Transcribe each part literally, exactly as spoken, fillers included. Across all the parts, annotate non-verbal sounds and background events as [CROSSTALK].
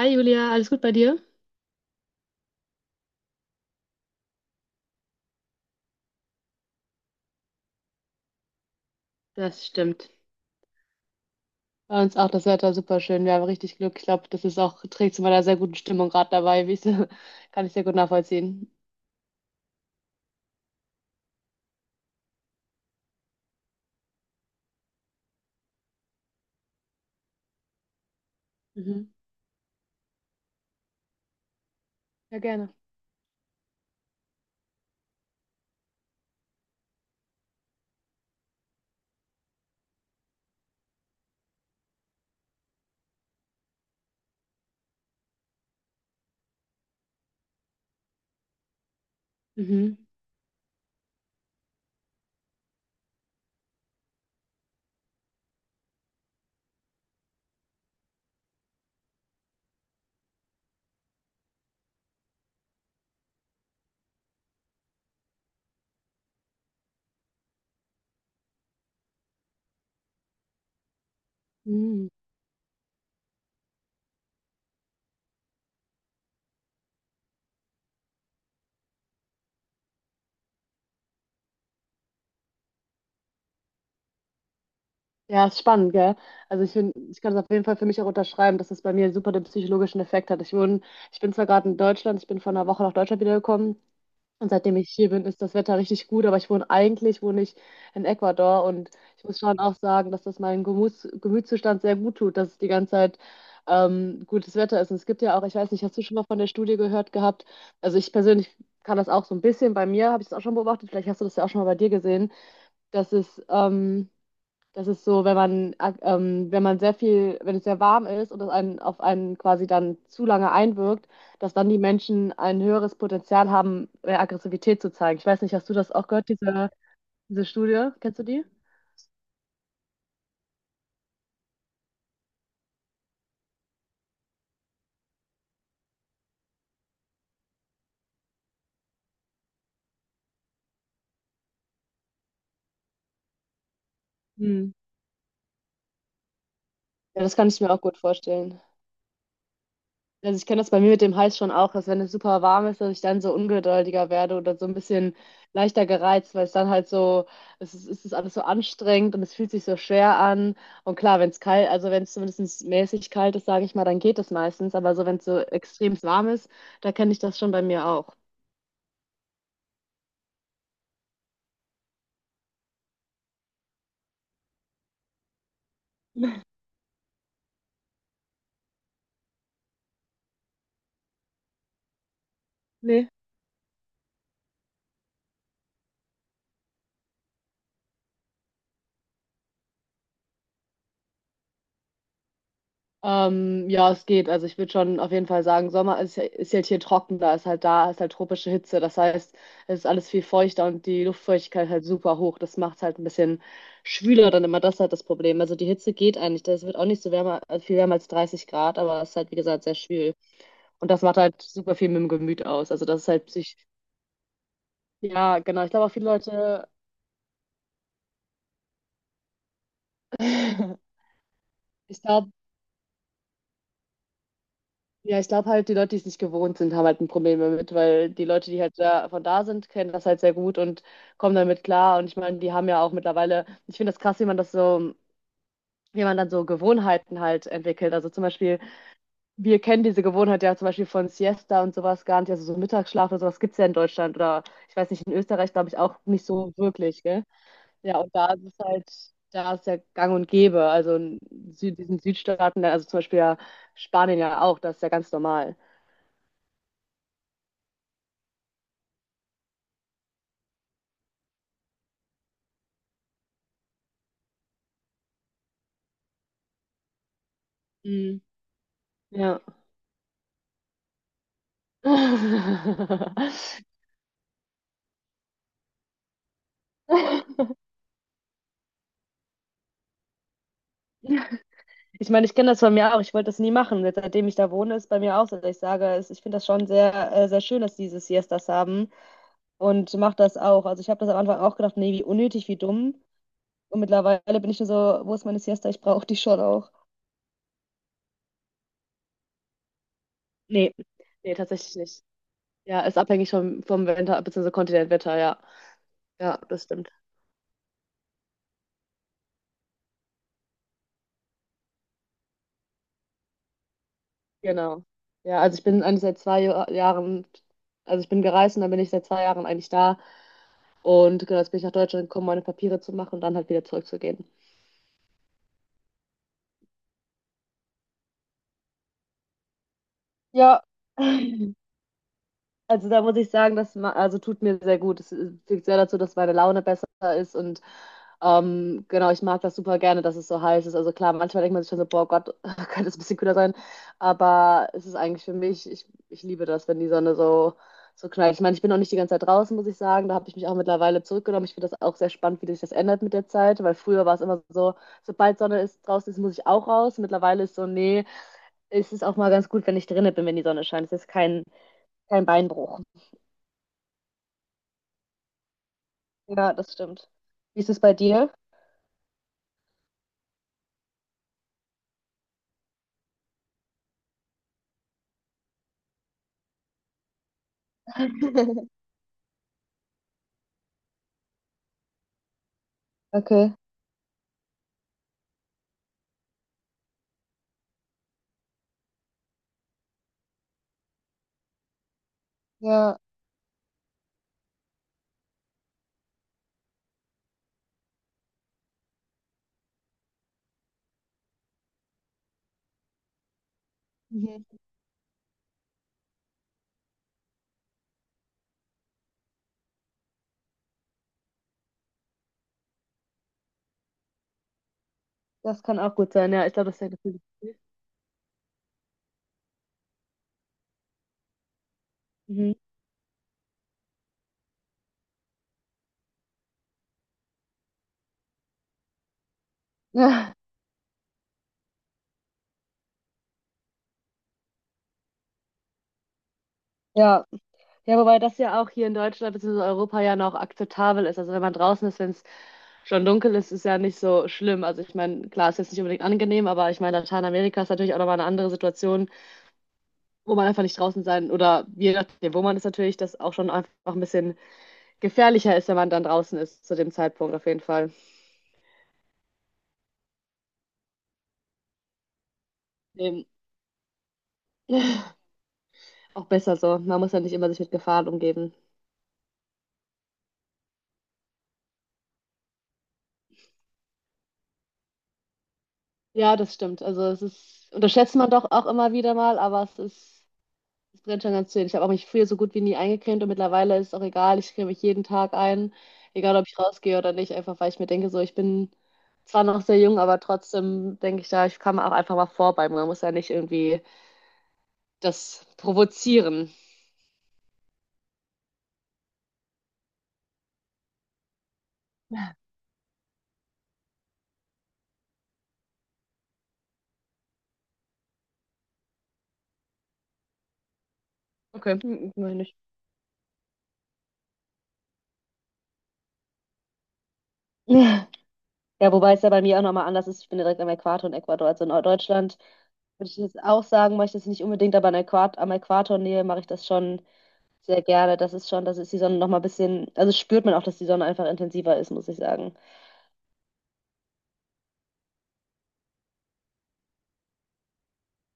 Hi Julia, alles gut bei dir? Das stimmt. Bei uns auch das Wetter super schön. Wir haben richtig Glück. Ich glaube, das ist auch, trägt zu meiner sehr guten Stimmung gerade dabei. Wie ich, [LAUGHS] kann ich sehr gut nachvollziehen. Mhm. Ja, gerne. Mhm. Mhm. Ja, ist spannend, gell? Also ich finde, ich kann es auf jeden Fall für mich auch unterschreiben, dass es bei mir super den psychologischen Effekt hat. Ich wohne, ich bin zwar gerade in Deutschland, ich bin vor einer Woche nach Deutschland wiedergekommen. Und seitdem ich hier bin, ist das Wetter richtig gut, aber ich wohne eigentlich, wohne ich in Ecuador, und ich muss schon auch sagen, dass das meinem Gemüts Gemütszustand sehr gut tut, dass es die ganze Zeit ähm, gutes Wetter ist. Und es gibt ja auch, ich weiß nicht, hast du schon mal von der Studie gehört gehabt? Also ich persönlich kann das auch so ein bisschen, bei mir habe ich es auch schon beobachtet, vielleicht hast du das ja auch schon mal bei dir gesehen, dass es ähm, das ist so, wenn man, ak- ähm, wenn man sehr viel, wenn es sehr warm ist und es einen, auf einen quasi dann zu lange einwirkt, dass dann die Menschen ein höheres Potenzial haben, mehr Aggressivität zu zeigen. Ich weiß nicht, hast du das auch gehört, diese, diese Studie? Kennst du die? Hm. Ja, das kann ich mir auch gut vorstellen. Also ich kenne das bei mir mit dem Hals schon auch, dass wenn es super warm ist, dass ich dann so ungeduldiger werde oder so ein bisschen leichter gereizt, weil es dann halt so, es ist, es ist alles so anstrengend und es fühlt sich so schwer an. Und klar, wenn es kalt, also wenn es zumindest mäßig kalt ist, sage ich mal, dann geht es meistens. Aber so, wenn es so extrem warm ist, da kenne ich das schon bei mir auch. [LAUGHS] Nee. Ähm, ja, es geht. Also ich würde schon auf jeden Fall sagen, Sommer ist, ist halt hier trockener, ist halt da, ist halt tropische Hitze. Das heißt, es ist alles viel feuchter und die Luftfeuchtigkeit halt super hoch. Das macht es halt ein bisschen schwüler dann immer. Das ist halt das Problem. Also die Hitze geht eigentlich. Das wird auch nicht so wärmer, also viel wärmer als dreißig Grad, aber es ist halt, wie gesagt, sehr schwül. Und das macht halt super viel mit dem Gemüt aus. Also das ist halt psych. Ja, genau. Ich glaube auch viele Leute, [LAUGHS] ich glaube, ja, ich glaube halt, die Leute, die es nicht gewohnt sind, haben halt ein Problem damit, weil die Leute, die halt da, von da sind, kennen das halt sehr gut und kommen damit klar. Und ich meine, die haben ja auch mittlerweile, ich finde das krass, wie man das so, wie man dann so Gewohnheiten halt entwickelt. Also zum Beispiel, wir kennen diese Gewohnheit ja zum Beispiel von Siesta und sowas gar nicht, also so Mittagsschlaf oder sowas gibt es ja in Deutschland oder ich weiß nicht, in Österreich glaube ich auch nicht so wirklich, gell? Ja, und da ist es halt, da ist ja gang und gäbe. Also in Sü diesen Südstaaten, also zum Beispiel ja Spanien ja auch, das ist ja ganz normal. Ja. [LAUGHS] Ich meine, ich kenne das von mir auch. Ich wollte das nie machen. Seitdem ich da wohne, ist bei mir auch so, dass ich sage, es- ich finde das schon sehr, äh, sehr schön, dass die diese Siestas haben, und mache das auch. Also ich habe das am Anfang auch gedacht, nee, wie unnötig, wie dumm. Und mittlerweile bin ich nur so, wo ist meine Siesta? Ich brauche die schon auch. Nee, nee, tatsächlich nicht. Ja, ist abhängig vom, vom Winter, beziehungsweise Kontinentwetter, ja. Ja, das stimmt. Genau. Ja, also ich bin eigentlich seit zwei Jahr- Jahren, also ich bin gereist und dann bin ich seit zwei Jahren eigentlich da. Und genau, jetzt bin ich nach Deutschland gekommen, meine Papiere zu machen und dann halt wieder zurückzugehen. Ja. [LAUGHS] Also da muss ich sagen, das ma- also tut mir sehr gut. Es führt sehr dazu, dass meine Laune besser ist. Und Ähm, genau, ich mag das super gerne, dass es so heiß ist. Also klar, manchmal denkt man sich schon so, boah Gott, [LAUGHS] könnte es ein bisschen kühler sein. Aber es ist eigentlich für mich, ich, ich liebe das, wenn die Sonne so, so knallt. Ich meine, ich bin auch nicht die ganze Zeit draußen, muss ich sagen. Da habe ich mich auch mittlerweile zurückgenommen. Ich finde das auch sehr spannend, wie sich das ändert mit der Zeit, weil früher war es immer so, sobald Sonne ist, draußen ist, muss ich auch raus. Mittlerweile ist so, nee, es ist auch mal ganz gut, wenn ich drinnen bin, wenn die Sonne scheint. Es ist kein, kein Beinbruch. Ja, das stimmt. Wie ist es bei dir? [LAUGHS] Okay. Ja. Mhm. Das kann auch gut sein, ja. Ich glaube, das ist ja gefühlt. Mhm. [LAUGHS] Ja. Ja, wobei das ja auch hier in Deutschland bzw. Europa ja noch akzeptabel ist. Also wenn man draußen ist, wenn es schon dunkel ist, ist ja nicht so schlimm. Also ich meine, klar, ist jetzt nicht unbedingt angenehm, aber ich meine, Lateinamerika ist natürlich auch nochmal eine andere Situation, wo man einfach nicht draußen sein, oder je nachdem, wo man ist natürlich, das auch schon einfach ein bisschen gefährlicher ist, wenn man dann draußen ist zu dem Zeitpunkt, auf jeden Fall. Eben. [LAUGHS] Auch besser so. Man muss ja nicht immer sich mit Gefahren umgeben. Ja, das stimmt. Also es ist, unterschätzt man doch auch immer wieder mal, aber es ist, es brennt schon ganz schön. Ich habe auch mich früher so gut wie nie eingecremt und mittlerweile ist es auch egal. Ich creme mich jeden Tag ein, egal ob ich rausgehe oder nicht, einfach weil ich mir denke, so, ich bin zwar noch sehr jung, aber trotzdem denke ich da, ich kann auch einfach mal vorbei. Man muss ja nicht irgendwie das provozieren. Okay, hm, meine ich. [LAUGHS] Ja, wobei es ja bei mir auch nochmal anders ist. Ich bin direkt am Äquator in Ecuador, also in Norddeutschland würde ich jetzt auch sagen, mache ich das nicht unbedingt, aber an Äquat am Äquator Nähe mache ich das schon sehr gerne. Das ist schon, das ist die Sonne noch mal ein bisschen, also spürt man auch, dass die Sonne einfach intensiver ist, muss ich sagen.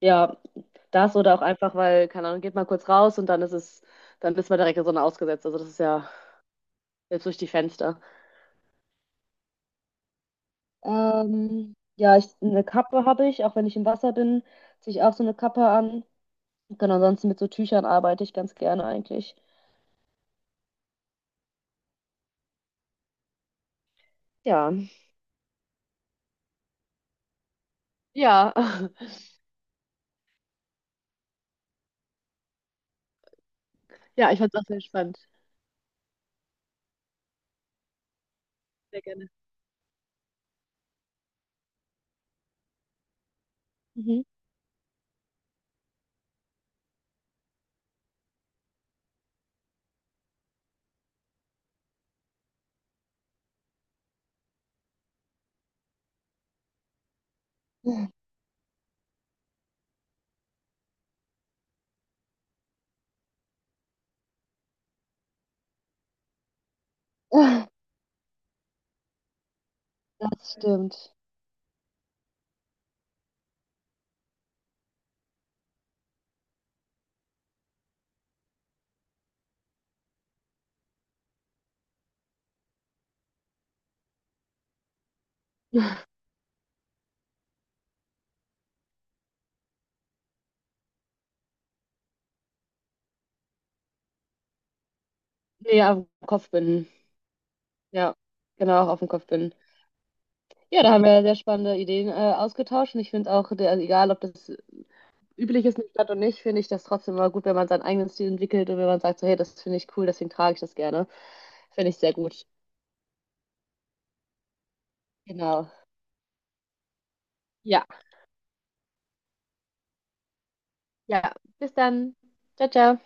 Ja, das oder auch einfach, weil, keine Ahnung, geht mal kurz raus und dann ist es, dann ist man direkt der Sonne ausgesetzt. Also das ist ja selbst durch die Fenster. Ähm, ja, ich, eine Kappe habe ich, auch wenn ich im Wasser bin, ziehe ich auch so eine Kappe an. Genau, ansonsten mit so Tüchern arbeite ich ganz gerne eigentlich. Ja. Ja, [LAUGHS] ja, ich fand es auch sehr spannend. Sehr gerne. Mhm. [LAUGHS] Das stimmt. Nee, am Kopfbinden. Ja, genau, auf dem Kopf bin. Ja, da haben wir sehr spannende Ideen äh, ausgetauscht, und ich finde auch, der, also egal ob das üblich ist in der Stadt oder nicht, finde ich das trotzdem immer gut, wenn man seinen eigenen Stil entwickelt und wenn man sagt, so, hey, das finde ich cool, deswegen trage ich das gerne. Finde ich sehr gut. Genau. Ja, ja. Bis dann. Ciao, ciao.